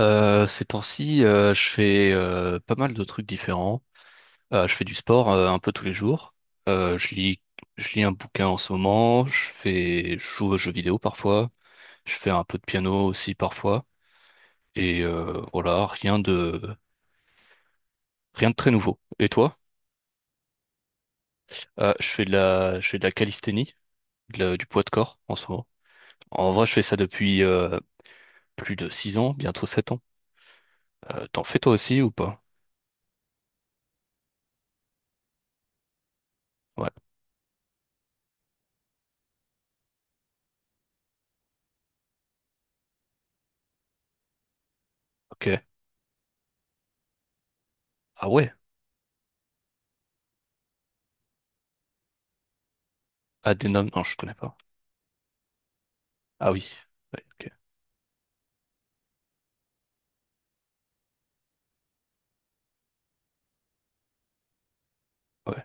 Ces temps-ci, je fais pas mal de trucs différents. Je fais du sport un peu tous les jours. Euh, je lis, je lis un bouquin en ce moment. Je joue aux jeux vidéo parfois. Je fais un peu de piano aussi parfois. Et voilà, rien de très nouveau. Et toi? Je fais de la calisthénie, du poids de corps en ce moment. En vrai, je fais ça depuis plus de 6 ans, bientôt 7 ans. T'en fais toi aussi ou pas? Ouais, ok. Ah ouais. Adenom, non, je connais pas. Ah oui. Ouais, ok. Ouais.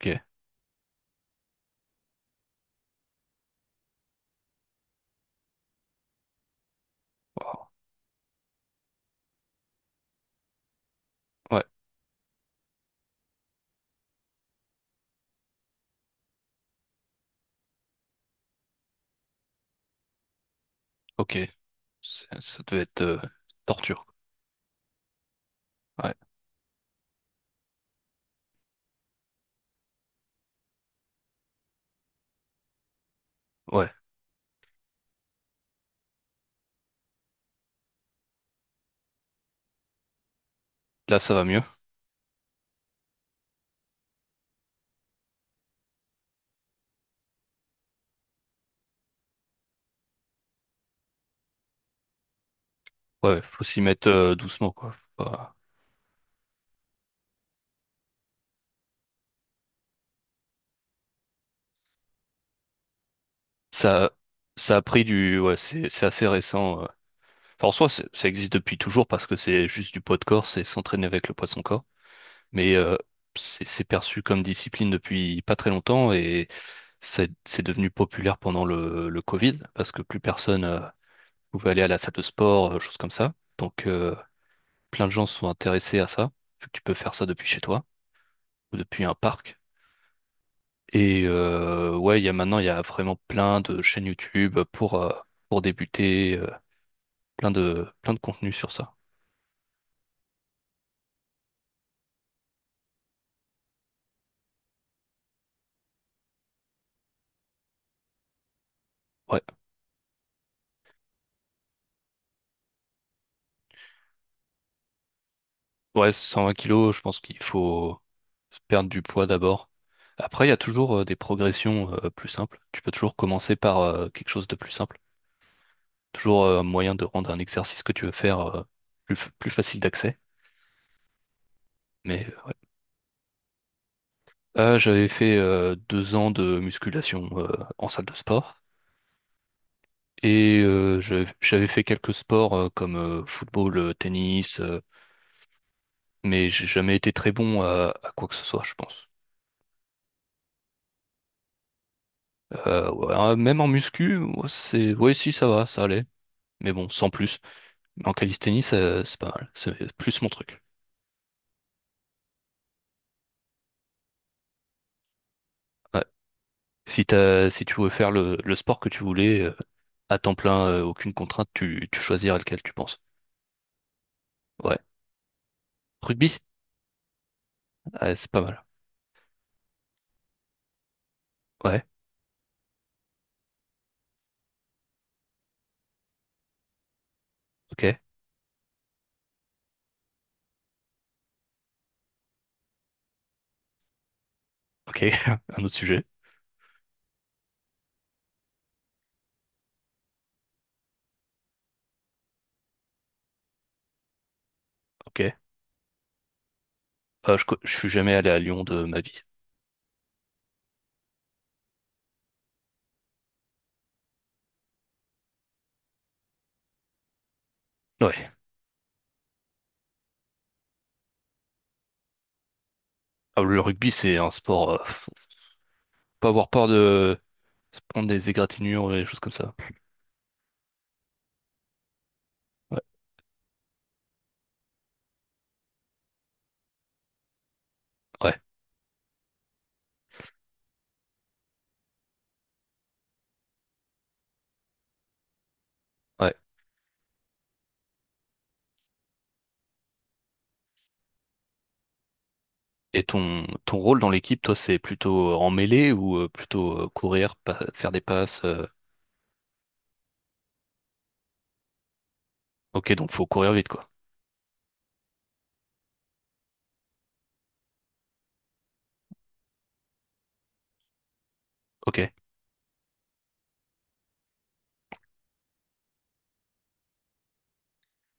Ok. Wow. Ouais. Ok. Ça devait être torture, quoi. Ouais. Ouais. Là, ça va mieux. Ouais. Faut s'y mettre doucement, quoi. Faut pas- Ça, ça a pris du. Ouais. C'est assez récent. Enfin, en soi, ça existe depuis toujours parce que c'est juste du poids de corps, c'est s'entraîner avec le poids de son corps. Mais c'est perçu comme discipline depuis pas très longtemps et c'est devenu populaire pendant le Covid parce que plus personne pouvait aller à la salle de sport, choses comme ça. Donc, plein de gens sont intéressés à ça, vu que tu peux faire ça depuis chez toi ou depuis un parc. Et ouais, il y a vraiment plein de chaînes YouTube pour débuter, plein de contenus sur ça. Ouais, ouais, 120 kilos, je pense qu'il faut perdre du poids d'abord. Après, il y a toujours des progressions plus simples. Tu peux toujours commencer par quelque chose de plus simple. Toujours un moyen de rendre un exercice que tu veux faire plus facile d'accès. Mais ouais. Ah, j'avais fait 2 ans de musculation en salle de sport. Et j'avais fait quelques sports comme football, tennis, mais j'ai jamais été très bon à quoi que ce soit, je pense. Ouais, hein, même en muscu, ouais, ouais, si ça va, ça allait. Mais bon, sans plus. Mais en calisthénie, c'est pas mal. C'est plus mon truc. Ouais. Si tu veux faire le sport que tu voulais, à temps plein, aucune contrainte, tu choisiras lequel tu penses. Ouais. Rugby? Ah, c'est pas mal. Ouais, ok, ok. Un autre sujet. Ok. Ah, je suis jamais allé à Lyon de ma vie. Ouais. Ah, le rugby, c'est un sport. Faut pas avoir peur de se prendre des égratignures et des choses comme ça. Ouais, ouais, ouais. Et ton rôle dans l'équipe, toi, c'est plutôt en mêlée ou plutôt faire des passes. Ok, donc faut courir vite, quoi. Ok.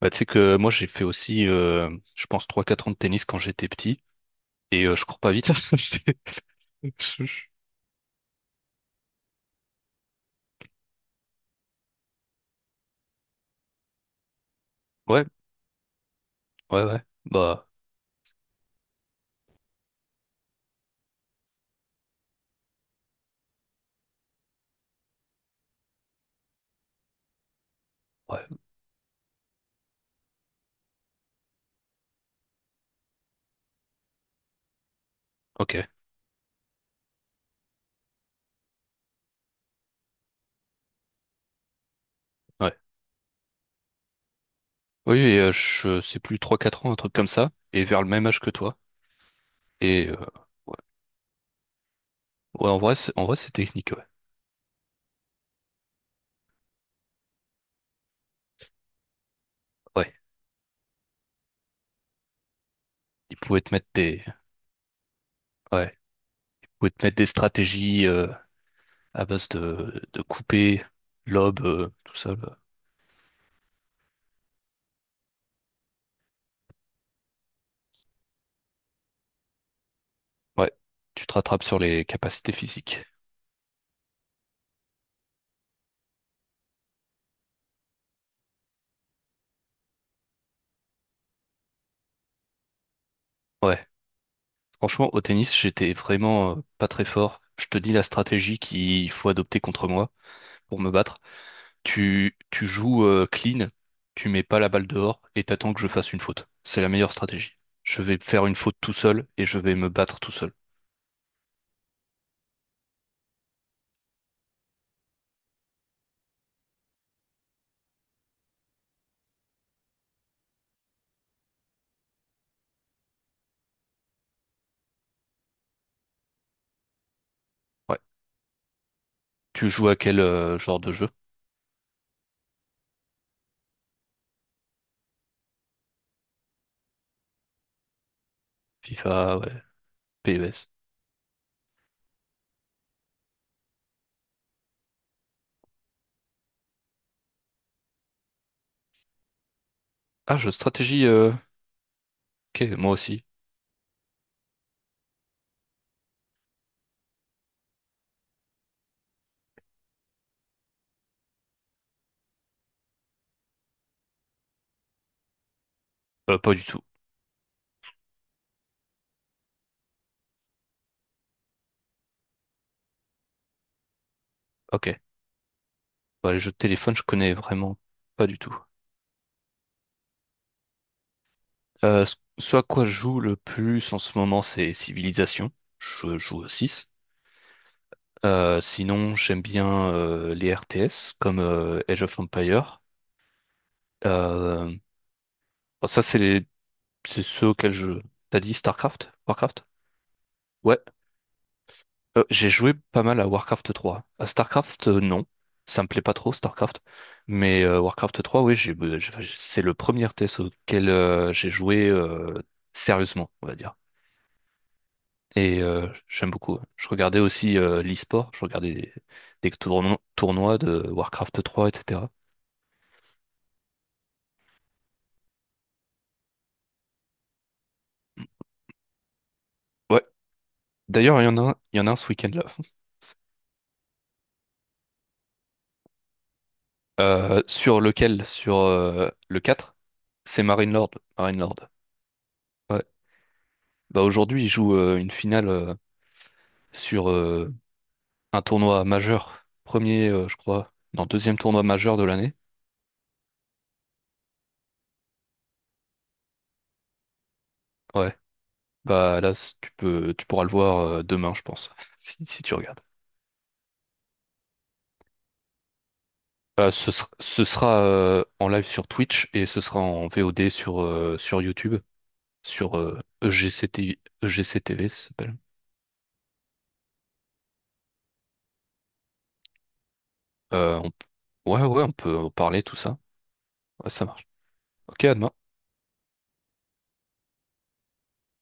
Bah, tu sais que moi, j'ai fait aussi, je pense, trois quatre ans de tennis quand j'étais petit. Et je cours pas vite. C'est- je- je- Ouais, ouais, ouais. Bah, ouais, ok. Ouais. Oui, et je sais plus, trois quatre ans, un truc comme ça, et vers le même âge que toi. Et ouais. Ouais, en vrai, c'est technique, ouais. Ouais. Ils pouvaient te mettre des. Ouais. Ils pouvaient te mettre des stratégies à base de couper, lobe, tout ça, là. Ouais. Tu te rattrapes sur les capacités physiques. Ouais. Franchement, au tennis, j'étais vraiment pas très fort. Je te dis la stratégie qu'il faut adopter contre moi pour me battre. Tu joues clean, tu mets pas la balle dehors et t'attends que je fasse une faute. C'est la meilleure stratégie. Je vais faire une faute tout seul et je vais me battre tout seul. Ouais. Tu joues à quel genre de jeu? FIFA, ouais, PES. Ah, jeu de stratégie, ok, moi aussi. Pas du tout. Ok. Bah, les jeux de téléphone, je connais vraiment pas du tout. Ce à quoi je joue le plus en ce moment, c'est Civilization. Je joue au 6. Sinon, j'aime bien les RTS comme Age of Empire. Euh, bon, ça, c'est ceux auxquels je... T'as dit StarCraft? Warcraft? Ouais. J'ai joué pas mal à Warcraft 3. À StarCraft, non. Ça me plaît pas trop, StarCraft. Mais Warcraft 3, oui, enfin, c'est le premier test auquel j'ai joué sérieusement, on va dire. Et j'aime beaucoup, hein. Je regardais aussi l'e-sport, tournois de Warcraft 3, etc. Ouais. D'ailleurs, il y en a un ce week-end là. Sur lequel? Sur le 4? C'est Marinelord. Marinelord. Ouais. Bah aujourd'hui, il joue une finale sur un tournoi majeur, premier, je crois, non, deuxième tournoi majeur de l'année. Ouais, bah là, tu pourras le voir demain, je pense, si tu regardes. Ce sera en live sur Twitch et ce sera en VOD sur YouTube, sur EGCT, EGCTV, ça s'appelle. Euh, on p- Ouais, ouais, on peut en parler, tout ça. Ouais, ça marche. Ok, à demain.